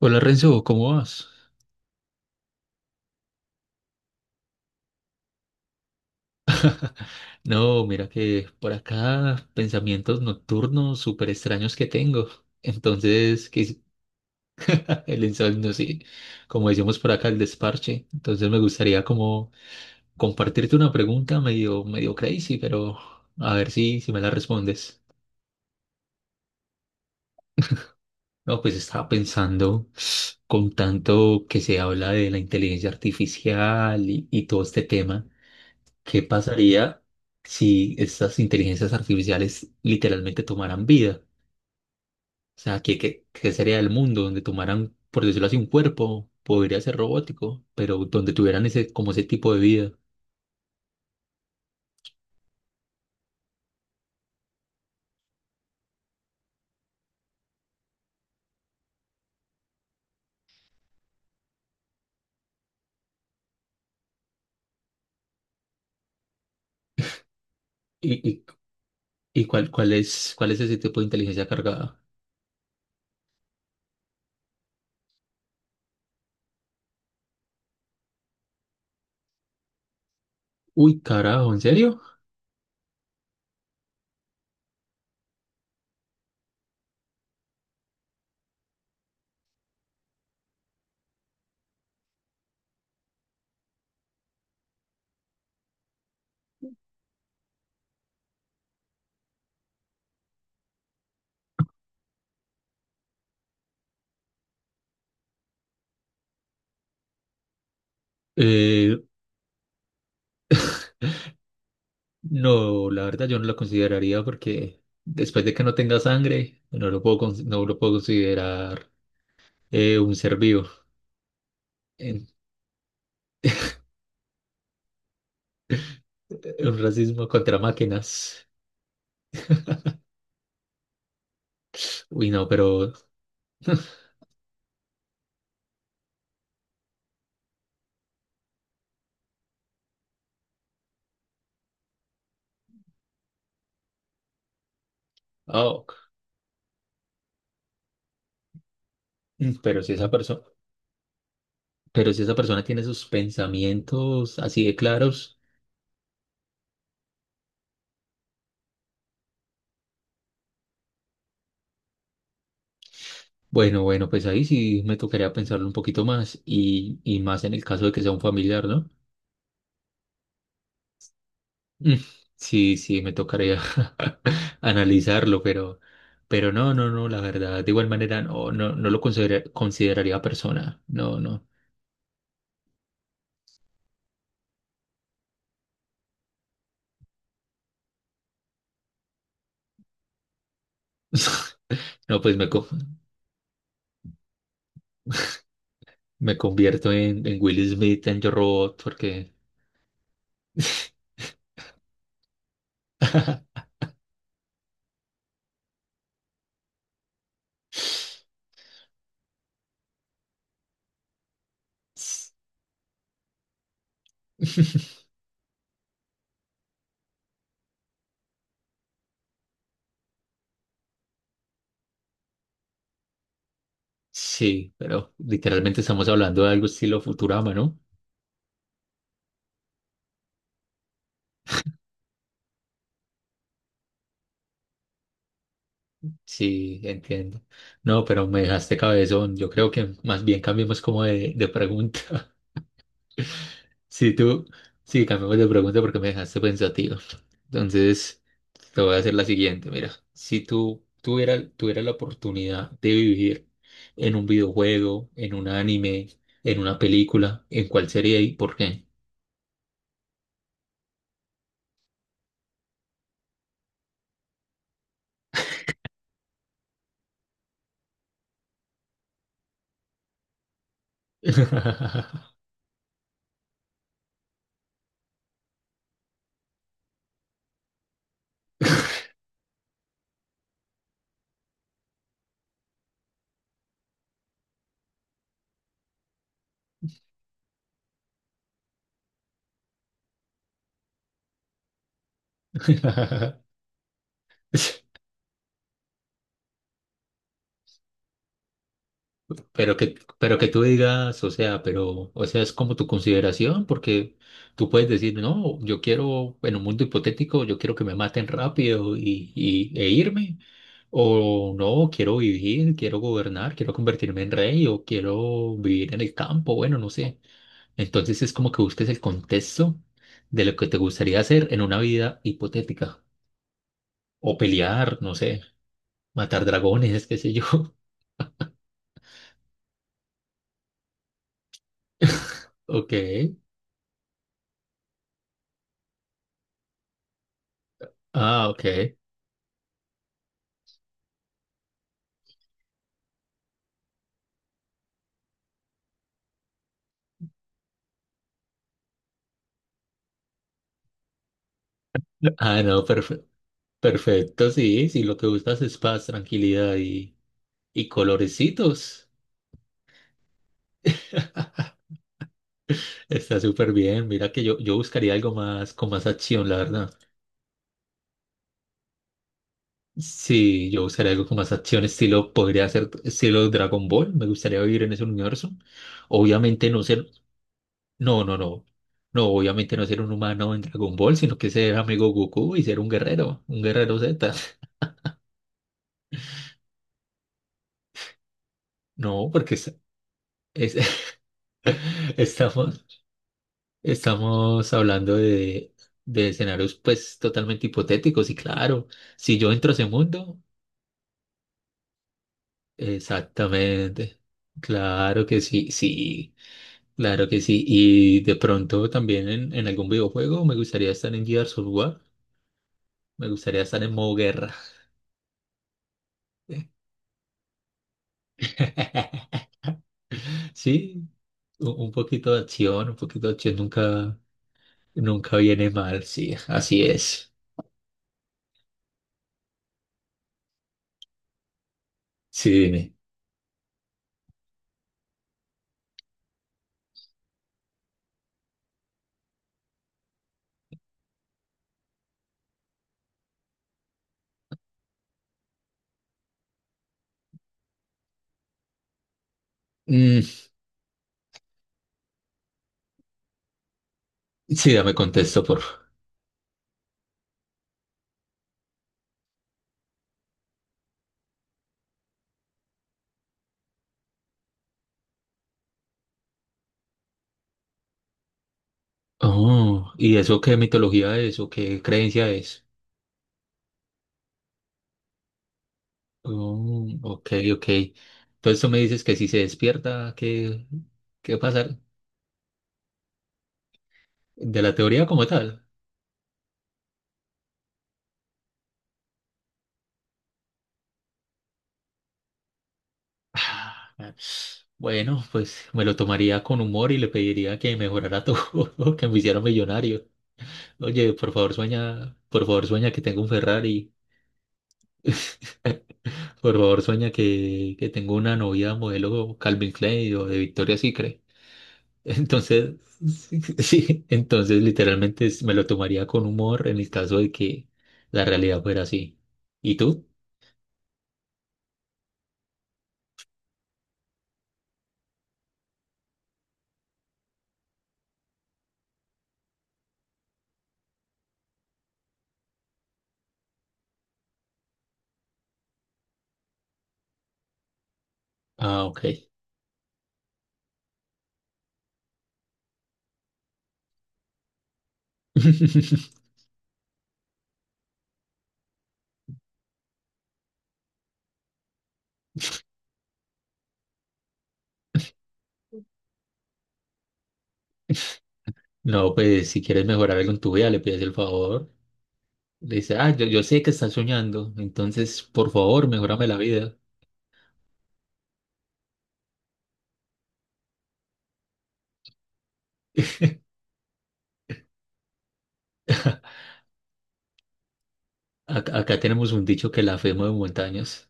Hola Renzo, ¿cómo vas? No, mira que por acá pensamientos nocturnos súper extraños que tengo. Entonces, que el insomnio, sí, como decimos por acá, el desparche. Entonces me gustaría como compartirte una pregunta medio crazy, pero a ver si me la respondes. No, pues estaba pensando con tanto que se habla de la inteligencia artificial y todo este tema. ¿Qué pasaría si estas inteligencias artificiales literalmente tomaran vida? O sea, ¿qué sería el mundo donde tomaran, por decirlo así, un cuerpo? Podría ser robótico, pero donde tuvieran ese, como ese tipo de vida. ¿Y, y, y cuál es, cuál es ese tipo de inteligencia cargada? Uy, carajo, ¿en serio? Eh, no, la verdad yo no la consideraría porque después de que no tenga sangre, no lo puedo, no lo puedo considerar un ser vivo. En- un racismo contra máquinas. Uy, no, pero, oh, pero si esa persona, pero si esa persona tiene sus pensamientos así de claros, bueno, pues ahí sí me tocaría pensarlo un poquito más y más en el caso de que sea un familiar, ¿no? Mm, sí, sí, me tocaría analizarlo, pero no, no, no, la verdad, de igual manera no, no, no lo consideraría persona, no, no. No, pues me convierto en Will Smith en Yo Robot porque sí, pero literalmente estamos hablando de algo estilo Futurama, ¿no? Sí, entiendo. No, pero me dejaste cabezón. Yo creo que más bien cambiemos como de pregunta. Sí, tú, sí, cambiemos de pregunta porque me dejaste pensativo. Entonces, te voy a hacer la siguiente. Mira, si tú tuvieras tuviera la oportunidad de vivir en un videojuego, en un anime, en una película, ¿en cuál sería y por qué? Pero que tú digas, o sea, pero, o sea, es como tu consideración, porque tú puedes decir, no, yo quiero, en un mundo hipotético, yo quiero que me maten rápido e irme, o no, quiero vivir, quiero gobernar, quiero convertirme en rey, o quiero vivir en el campo, bueno, no sé. Entonces es como que busques el contexto de lo que te gustaría hacer en una vida hipotética, o pelear, no sé, matar dragones, qué sé yo. Ok, ah, ok. Ah, no, perfecto. Perfecto, sí, sí, lo que buscas es paz, tranquilidad y colorecitos. Está súper bien. Mira que yo buscaría algo más con más acción, la verdad. Sí, yo buscaría algo con más acción, estilo, podría ser estilo Dragon Ball. Me gustaría vivir en ese universo. Obviamente no ser, no, no, no. No, obviamente no ser un humano en Dragon Ball, sino que ser amigo Goku y ser un guerrero Z. No, porque es- estamos, estamos hablando de escenarios pues totalmente hipotéticos y claro, si yo entro a ese mundo, exactamente, claro que sí, sí, claro que sí. Y de pronto también en algún videojuego me gustaría estar en Gears of War, me gustaría estar en modo guerra. Sí, un poquito de acción, un poquito de acción nunca, nunca viene mal, sí, así es. Sí, dime. Mm, sí, dame contesto. Oh, ¿y eso qué mitología es o qué creencia es? Oh, ok, ok. Entonces tú me dices que si se despierta, ¿qué, qué va a pasar? De la teoría como tal. Ah, bueno, pues me lo tomaría con humor y le pediría que mejorara todo, que me hiciera millonario. Oye, por favor sueña que tengo un Ferrari, por favor sueña que tengo una novia modelo Calvin Klein o de Victoria's Secret. Entonces, sí, entonces literalmente me lo tomaría con humor en el caso de que la realidad fuera así. ¿Y tú? Ah, ok. No, pues si quieres mejorar algo en tu vida, le pides el favor. Le dices, ah, yo sé que estás soñando, entonces por favor, mejórame la vida. Acá, acá tenemos un dicho que la fe mueve montañas.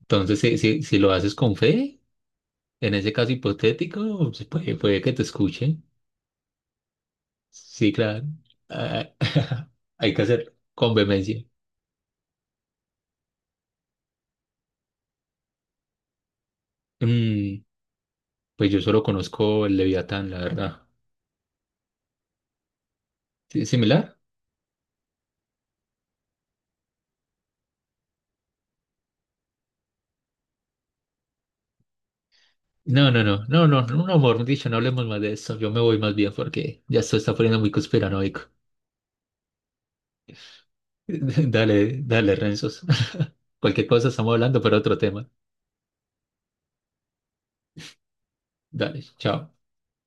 Entonces, si, si, si lo haces con fe, en ese caso hipotético, pues, puede, puede que te escuchen. Sí, claro. Ah, hay que hacer con vehemencia. Mm, pues yo solo conozco el Leviatán, la verdad. ¿Sí? ¿Similar? No, no, no, no, no, no, no, amor, dicho, no hablemos más de eso. Yo me voy más bien porque ya esto está poniendo muy conspiranoico. Dale, dale, Renzos. Cualquier cosa estamos hablando, pero otro tema. Dale, chao.